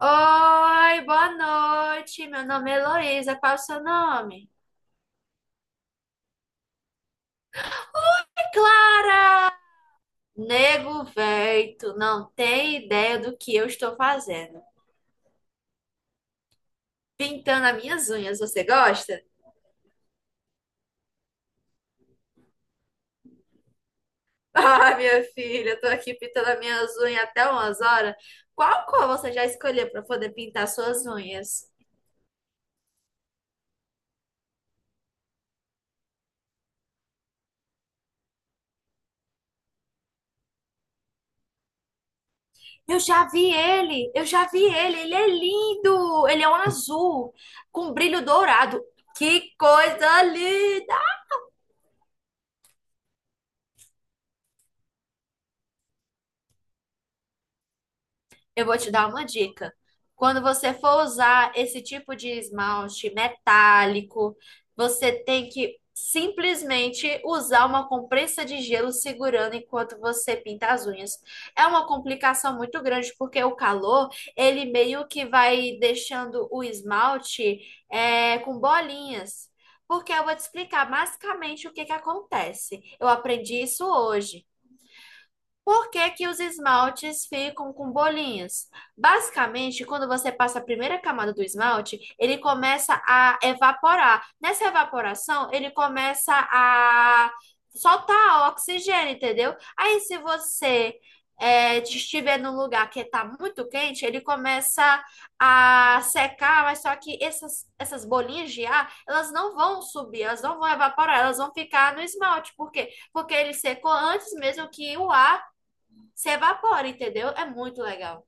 Oi, boa noite. Meu nome é Heloísa. Qual o seu nome? É claro. Nego, véi, tu não tem ideia do que eu estou fazendo. Pintando as minhas unhas, você gosta? Ah, minha filha, eu tô aqui pintando as minhas unhas até umas horas. Qual cor você já escolheu para poder pintar suas unhas? Eu já vi ele, ele é lindo. Ele é um azul com brilho dourado. Que coisa linda! Eu vou te dar uma dica. Quando você for usar esse tipo de esmalte metálico, você tem que simplesmente usar uma compressa de gelo segurando enquanto você pinta as unhas. É uma complicação muito grande porque o calor, ele meio que vai deixando o esmalte com bolinhas. Porque eu vou te explicar basicamente o que que acontece. Eu aprendi isso hoje. Por que que os esmaltes ficam com bolinhas? Basicamente, quando você passa a primeira camada do esmalte, ele começa a evaporar. Nessa evaporação, ele começa a soltar oxigênio, entendeu? Aí, se você estiver num lugar que está muito quente, ele começa a secar, mas só que essas bolinhas de ar, elas não vão subir, elas não vão evaporar, elas vão ficar no esmalte. Por quê? Porque ele secou antes mesmo que o ar se evapora, entendeu? É muito legal.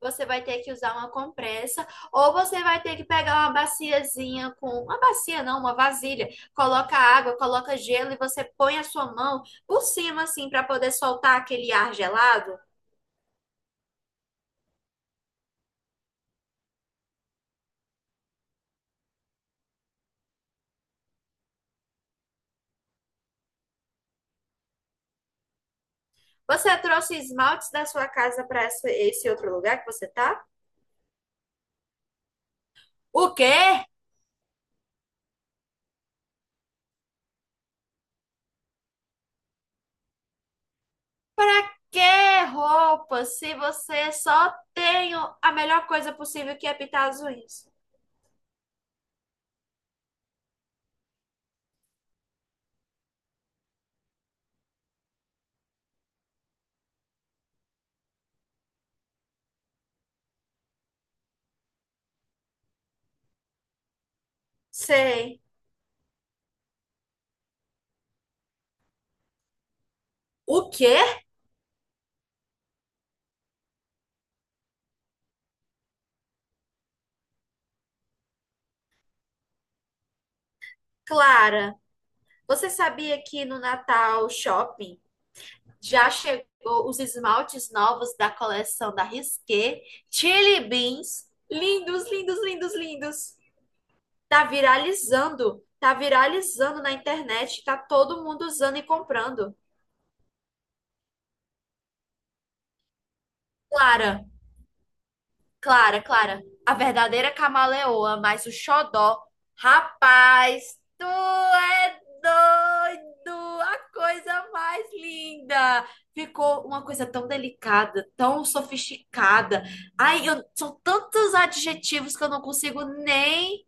Você vai ter que usar uma compressa ou você vai ter que pegar uma baciazinha com uma bacia não, uma vasilha. Coloca água, coloca gelo e você põe a sua mão por cima assim para poder soltar aquele ar gelado. Você trouxe esmaltes da sua casa para esse outro lugar que você tá? O quê? Para que roupa se você só tem a melhor coisa possível que é pintar as unhas? Sei. O quê? Clara, você sabia que no Natal Shopping já chegou os esmaltes novos da coleção da Risqué? Chili Beans, lindos, lindos, lindos, lindos. Tá viralizando na internet, tá todo mundo usando e comprando. Clara, Clara, Clara, a verdadeira camaleoa, mas o xodó. Rapaz, tu é doido! A coisa mais linda! Ficou uma coisa tão delicada, tão sofisticada. Ai, são tantos adjetivos que eu não consigo nem,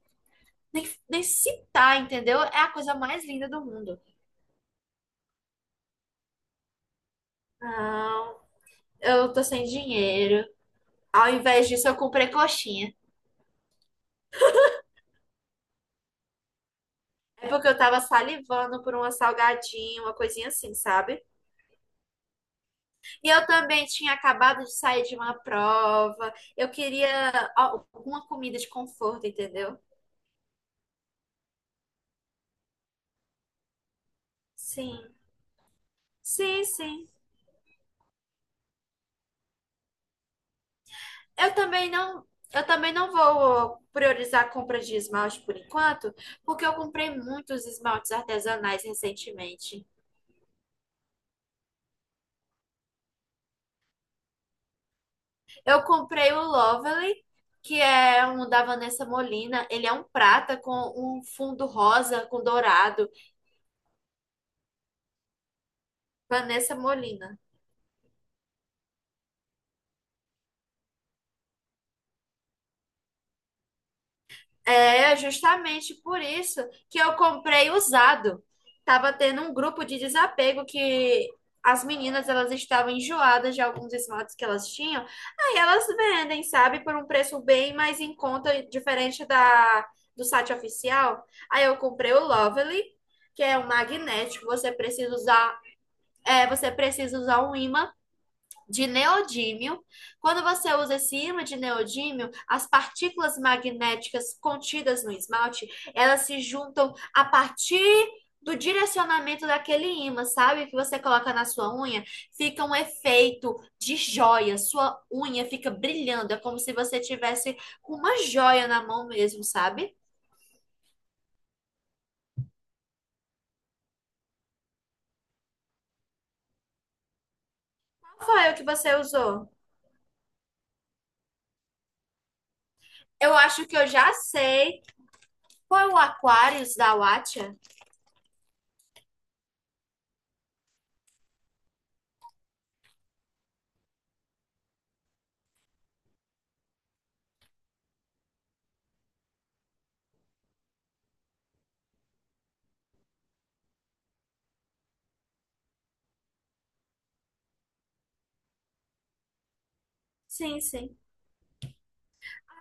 nem, nem citar, entendeu? É a coisa mais linda do mundo. Não, eu tô sem dinheiro. Ao invés disso, eu comprei coxinha. É porque eu tava salivando por uma salgadinha, uma coisinha assim, sabe? E eu também tinha acabado de sair de uma prova. Eu queria alguma comida de conforto, entendeu? Sim. Sim, sim. Eu também não, eu também não vou priorizar a compra de esmalte por enquanto, porque eu comprei muitos esmaltes artesanais recentemente. Eu comprei o Lovely, que é um da Vanessa Molina. Ele é um prata com um fundo rosa com dourado. Vanessa Molina. É justamente por isso que eu comprei usado. Tava tendo um grupo de desapego que as meninas elas estavam enjoadas de alguns esmaltes que elas tinham. Aí elas vendem, sabe, por um preço bem mais em conta, diferente da do site oficial. Aí eu comprei o Lovely, que é um magnético. Você precisa usar um ímã de neodímio. Quando você usa esse ímã de neodímio, as partículas magnéticas contidas no esmalte, elas se juntam a partir do direcionamento daquele ímã, sabe? Que você coloca na sua unha, fica um efeito de joia. Sua unha fica brilhando, é como se você tivesse uma joia na mão mesmo, sabe? Qual foi o que você usou? Eu acho que eu já sei. Foi o Aquarius da Watcha? Sim, sim.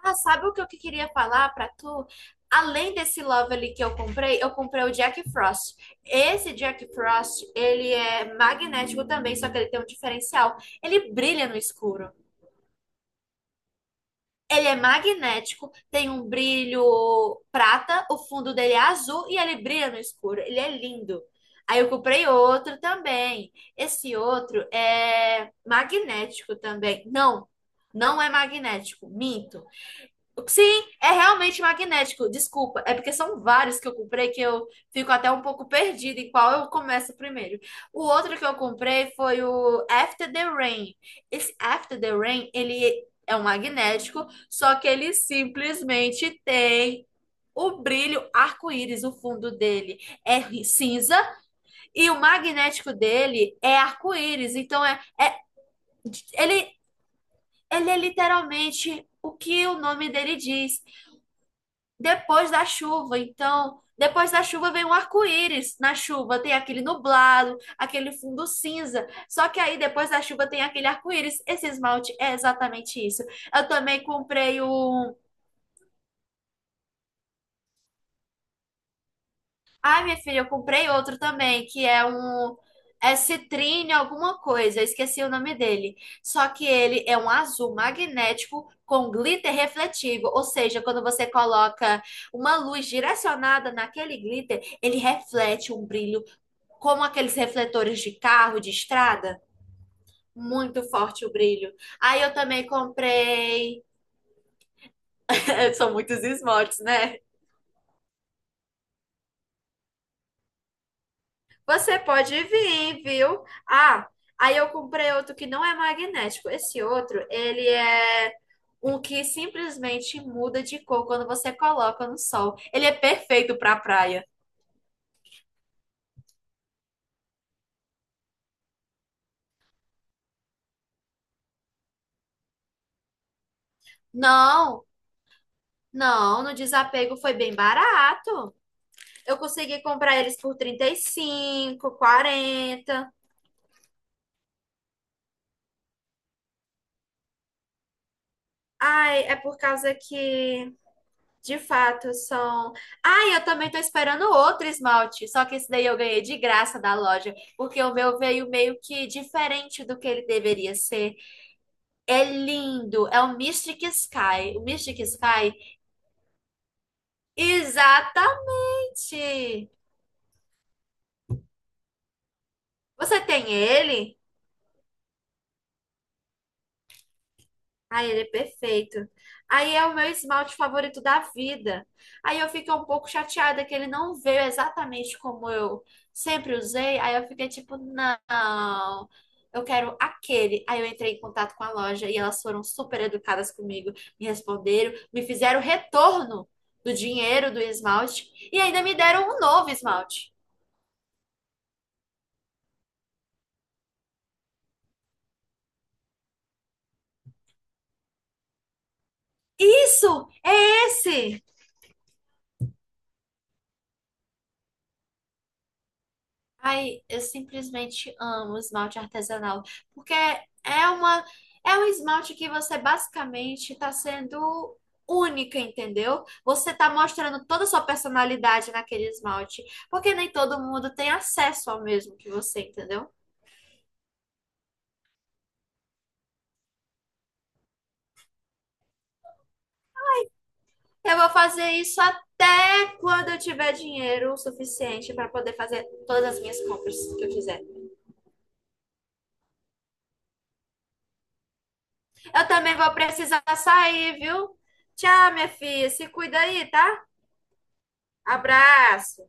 Ah, sabe o que eu que queria falar pra tu? Além desse Lovely que eu comprei o Jack Frost. Esse Jack Frost, ele é magnético também, só que ele tem um diferencial. Ele brilha no escuro. Ele é magnético, tem um brilho prata, o fundo dele é azul e ele brilha no escuro. Ele é lindo. Aí eu comprei outro também. Esse outro é magnético também. Não, não é magnético, minto. Sim, é realmente magnético. Desculpa, é porque são vários que eu comprei que eu fico até um pouco perdida em qual eu começo primeiro. O outro que eu comprei foi o After the Rain. Esse After the Rain, ele é um magnético, só que ele simplesmente tem o brilho arco-íris, o fundo dele é cinza e o magnético dele é arco-íris. Então ele ele é literalmente o que o nome dele diz depois da chuva. Então, depois da chuva vem um arco-íris. Na chuva tem aquele nublado, aquele fundo cinza. Só que aí depois da chuva tem aquele arco-íris. Esse esmalte é exatamente isso. Eu também comprei um. Ai, minha filha, eu comprei outro também, que é um. É citrine alguma coisa, eu esqueci o nome dele. Só que ele é um azul magnético com glitter refletivo, ou seja, quando você coloca uma luz direcionada naquele glitter, ele reflete um brilho como aqueles refletores de carro, de estrada. Muito forte o brilho. Aí eu também comprei. São muitos esmaltes, né? Você pode vir, viu? Ah, aí eu comprei outro que não é magnético. Esse outro, ele é um que simplesmente muda de cor quando você coloca no sol. Ele é perfeito para praia. Não, não, no desapego foi bem barato. Eu consegui comprar eles por 35, 40. Ai, é por causa que, de fato, são. Ai, eu também tô esperando outro esmalte, só que esse daí eu ganhei de graça da loja, porque o meu veio meio que diferente do que ele deveria ser. É lindo, é o Mystic Sky. O Mystic Sky? Exatamente! Você tem ele? Ai, ele é perfeito. Aí é o meu esmalte favorito da vida. Aí eu fiquei um pouco chateada que ele não veio exatamente como eu sempre usei. Aí eu fiquei tipo, não, eu quero aquele. Aí eu entrei em contato com a loja e elas foram super educadas comigo, me responderam, me fizeram retorno do dinheiro do esmalte e ainda me deram um novo esmalte. Isso! É esse! Ai, eu simplesmente amo esmalte artesanal, porque é uma é um esmalte que você basicamente está sendo única, entendeu? Você está mostrando toda a sua personalidade naquele esmalte, porque nem todo mundo tem acesso ao mesmo que você, entendeu? Eu vou fazer isso até quando eu tiver dinheiro o suficiente para poder fazer todas as minhas compras que eu quiser. Eu também vou precisar sair, viu? Tchau, minha filha. Se cuida aí, tá? Abraço.